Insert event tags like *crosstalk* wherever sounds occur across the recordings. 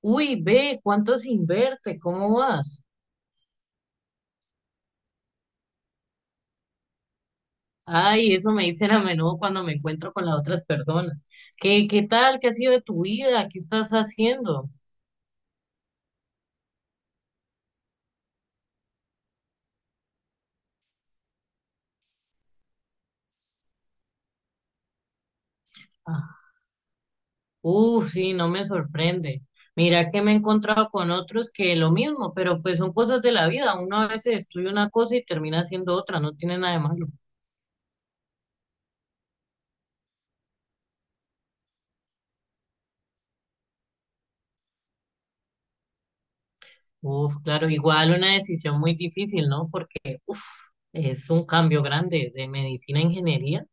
Uy, ve, ¿cuánto se inverte? ¿Cómo vas? Ay, eso me dicen a menudo cuando me encuentro con las otras personas. ¿Qué tal? ¿Qué ha sido de tu vida? ¿Qué estás haciendo? Ah, uf, sí, no me sorprende. Mira que me he encontrado con otros que lo mismo, pero pues son cosas de la vida. Uno a veces estudia una cosa y termina haciendo otra, no tiene nada de malo. Uf, claro, igual una decisión muy difícil, ¿no? Porque, uf, es un cambio grande de medicina a ingeniería.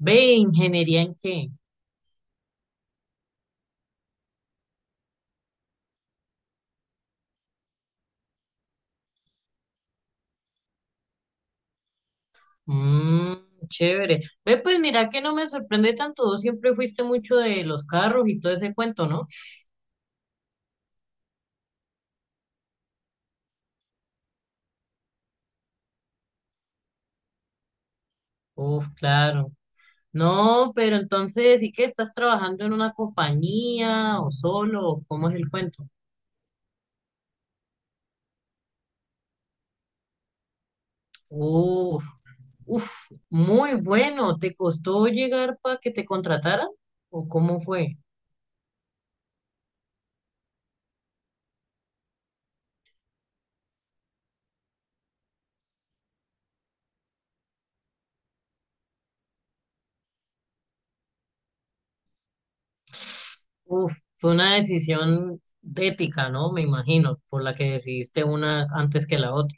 Ve, ¿ingeniería en qué? Mm, Chévere. Ve, pues mira que no me sorprende tanto. Vos siempre fuiste mucho de los carros y todo ese cuento, ¿no? Uf, claro. No, pero entonces sí que estás trabajando en una compañía o solo, o ¿cómo es el cuento? Uf, uf, muy bueno. ¿Te costó llegar para que te contrataran? ¿O cómo fue? Uf, fue una decisión ética, ¿no? Me imagino, por la que decidiste una antes que la otra.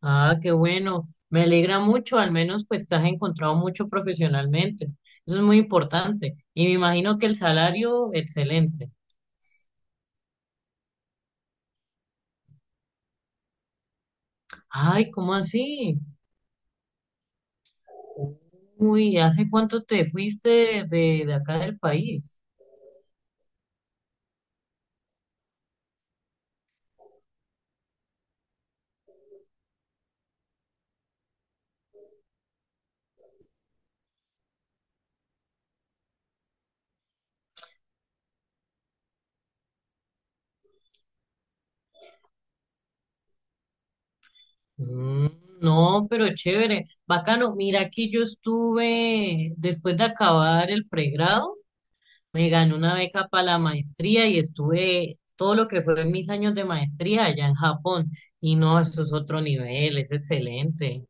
Ah, qué bueno. Me alegra mucho, al menos pues te has encontrado mucho profesionalmente. Eso es muy importante. Y me imagino que el salario, excelente. Ay, ¿cómo así? Uy, ¿hace cuánto te fuiste de acá del país? Mm, no, pero chévere. Bacano, mira, aquí yo estuve, después de acabar el pregrado, me gané una beca para la maestría y estuve todo lo que fue mis años de maestría allá en Japón. Y no, eso es otro nivel, es excelente.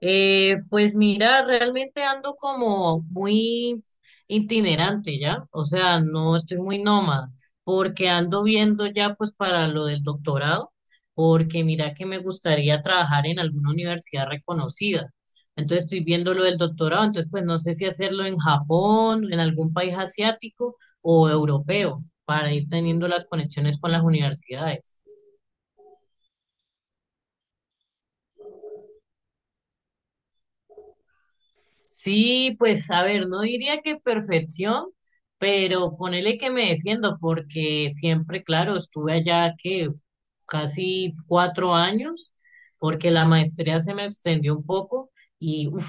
Pues mira, realmente ando como muy itinerante ya, o sea, no estoy muy nómada, porque ando viendo ya pues para lo del doctorado, porque mira que me gustaría trabajar en alguna universidad reconocida. Entonces estoy viendo lo del doctorado, entonces pues no sé si hacerlo en Japón, en algún país asiático o europeo, para ir teniendo las conexiones con las universidades. Sí, pues a ver, no diría que perfección, pero ponele que me defiendo porque siempre, claro, estuve allá que casi 4 años, porque la maestría se me extendió un poco y uff,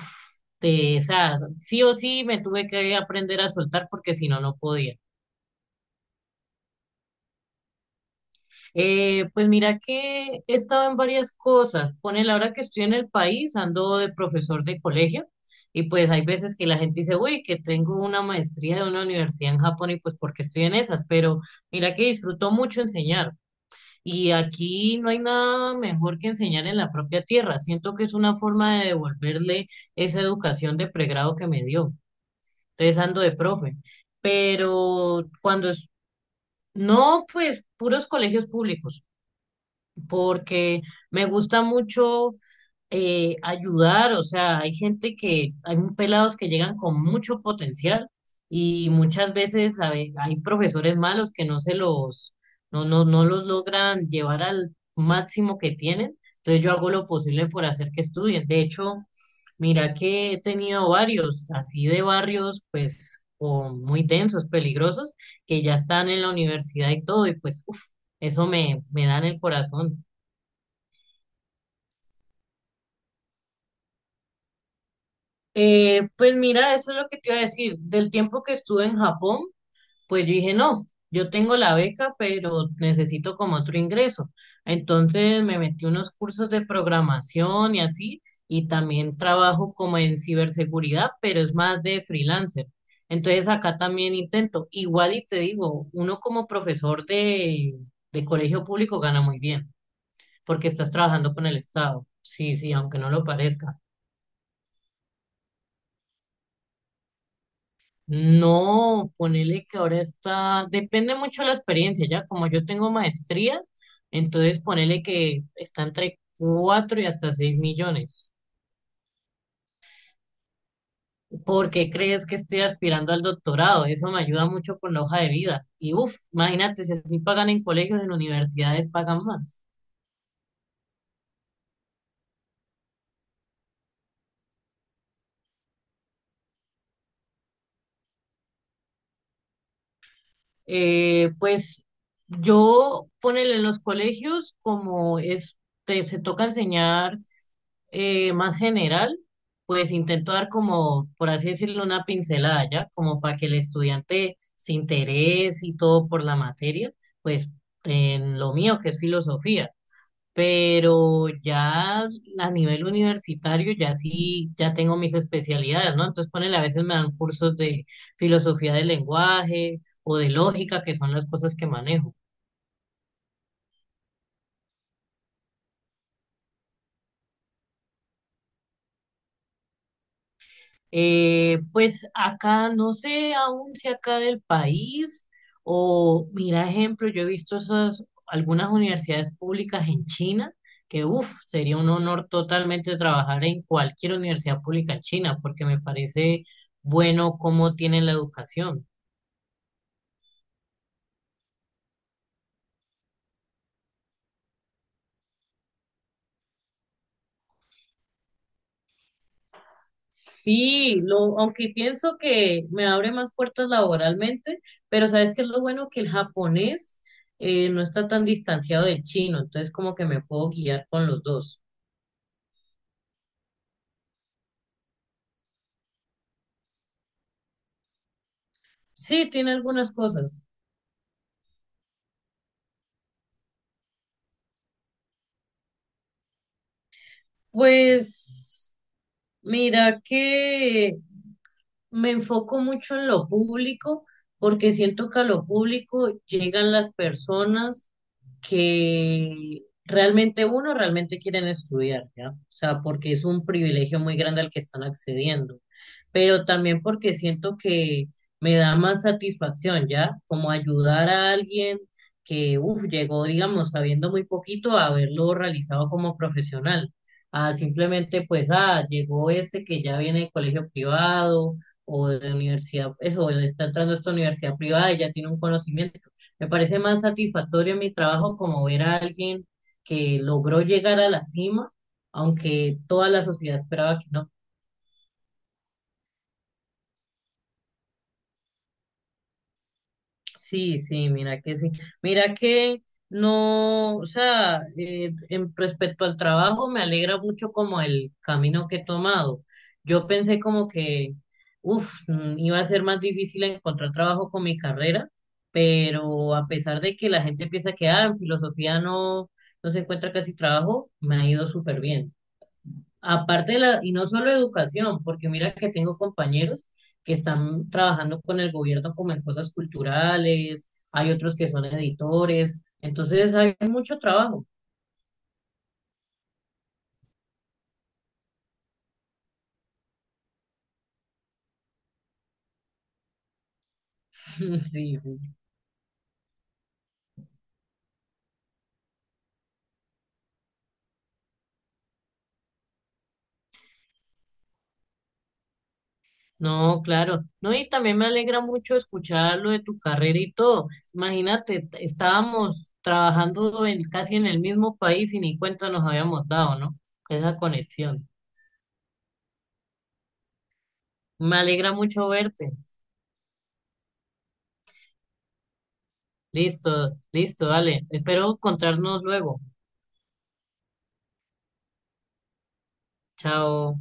sí o sí me tuve que aprender a soltar porque si no, no podía. Pues mira que he estado en varias cosas. Pone la hora que estoy en el país, ando de profesor de colegio y pues hay veces que la gente dice, uy, que tengo una maestría de una universidad en Japón y pues porque estoy en esas, pero mira que disfruto mucho enseñar y aquí no hay nada mejor que enseñar en la propia tierra. Siento que es una forma de devolverle esa educación de pregrado que me dio. Entonces ando de profe, pero cuando es. No, pues puros colegios públicos porque me gusta mucho ayudar, o sea, hay gente hay pelados que llegan con mucho potencial y muchas veces hay profesores malos que no, no, no los logran llevar al máximo que tienen, entonces yo hago lo posible por hacer que estudien. De hecho, mira que he tenido varios, así de barrios, pues, muy tensos, peligrosos, que ya están en la universidad y todo, y pues, uff, eso me da en el corazón. Pues mira, eso es lo que te iba a decir. Del tiempo que estuve en Japón, pues yo dije, no, yo tengo la beca, pero necesito como otro ingreso. Entonces me metí unos cursos de programación y así, y también trabajo como en ciberseguridad, pero es más de freelancer. Entonces acá también intento. Igual y te digo, uno como profesor de colegio público gana muy bien, porque estás trabajando con el Estado. Sí, sí, aunque no lo parezca. No, ponele que ahora está, depende mucho de la experiencia, ya como yo tengo maestría, entonces ponele que está entre 4 y hasta 6 millones. ¿Por qué crees que estoy aspirando al doctorado? Eso me ayuda mucho con la hoja de vida. Y uff, imagínate, si así pagan en colegios, en universidades pagan más. Pues yo ponele en los colegios como es, se toca enseñar. Más general, pues intento dar como, por así decirlo, una pincelada ya, como para que el estudiante se interese y todo por la materia, pues en lo mío que es filosofía. Pero ya a nivel universitario, ya sí, ya tengo mis especialidades, ¿no? Entonces, ponele, a veces me dan cursos de filosofía del lenguaje o de lógica, que son las cosas que manejo. Pues acá, no sé aún si acá del país o, mira, ejemplo, yo he visto esas, algunas universidades públicas en China, que, uff, sería un honor totalmente trabajar en cualquier universidad pública en China, porque me parece bueno cómo tienen la educación. Sí, aunque pienso que me abre más puertas laboralmente, pero ¿sabes que es lo bueno? Que el japonés no está tan distanciado del chino, entonces como que me puedo guiar con los dos. Sí, tiene algunas cosas. Pues mira que me enfoco mucho en lo público porque siento que a lo público llegan las personas que realmente uno realmente quieren estudiar, ¿ya? O sea, porque es un privilegio muy grande al que están accediendo, pero también porque siento que me da más satisfacción, ¿ya? Como ayudar a alguien que, uff, llegó, digamos, sabiendo muy poquito a haberlo realizado como profesional, a simplemente, pues, ah, llegó este que ya viene de colegio privado o de universidad, eso, él está entrando a esta universidad privada y ya tiene un conocimiento, me parece más satisfactorio mi trabajo como ver a alguien que logró llegar a la cima, aunque toda la sociedad esperaba que no. Sí, sí. Mira que no, o sea, en respecto al trabajo me alegra mucho como el camino que he tomado. Yo pensé como que, uff, iba a ser más difícil encontrar trabajo con mi carrera, pero a pesar de que la gente piensa que, ah, en filosofía no, no se encuentra casi trabajo, me ha ido súper bien. Aparte de y no solo educación, porque mira que tengo compañeros que están trabajando con el gobierno como en cosas culturales, hay otros que son editores, entonces hay mucho trabajo. *laughs* Sí, sí. No, claro. No, y también me alegra mucho escuchar lo de tu carrera y todo. Imagínate, estábamos trabajando en, casi en el mismo país y ni cuenta nos habíamos dado, ¿no? Con esa conexión. Me alegra mucho verte. Listo, listo, dale. Espero encontrarnos luego. Chao.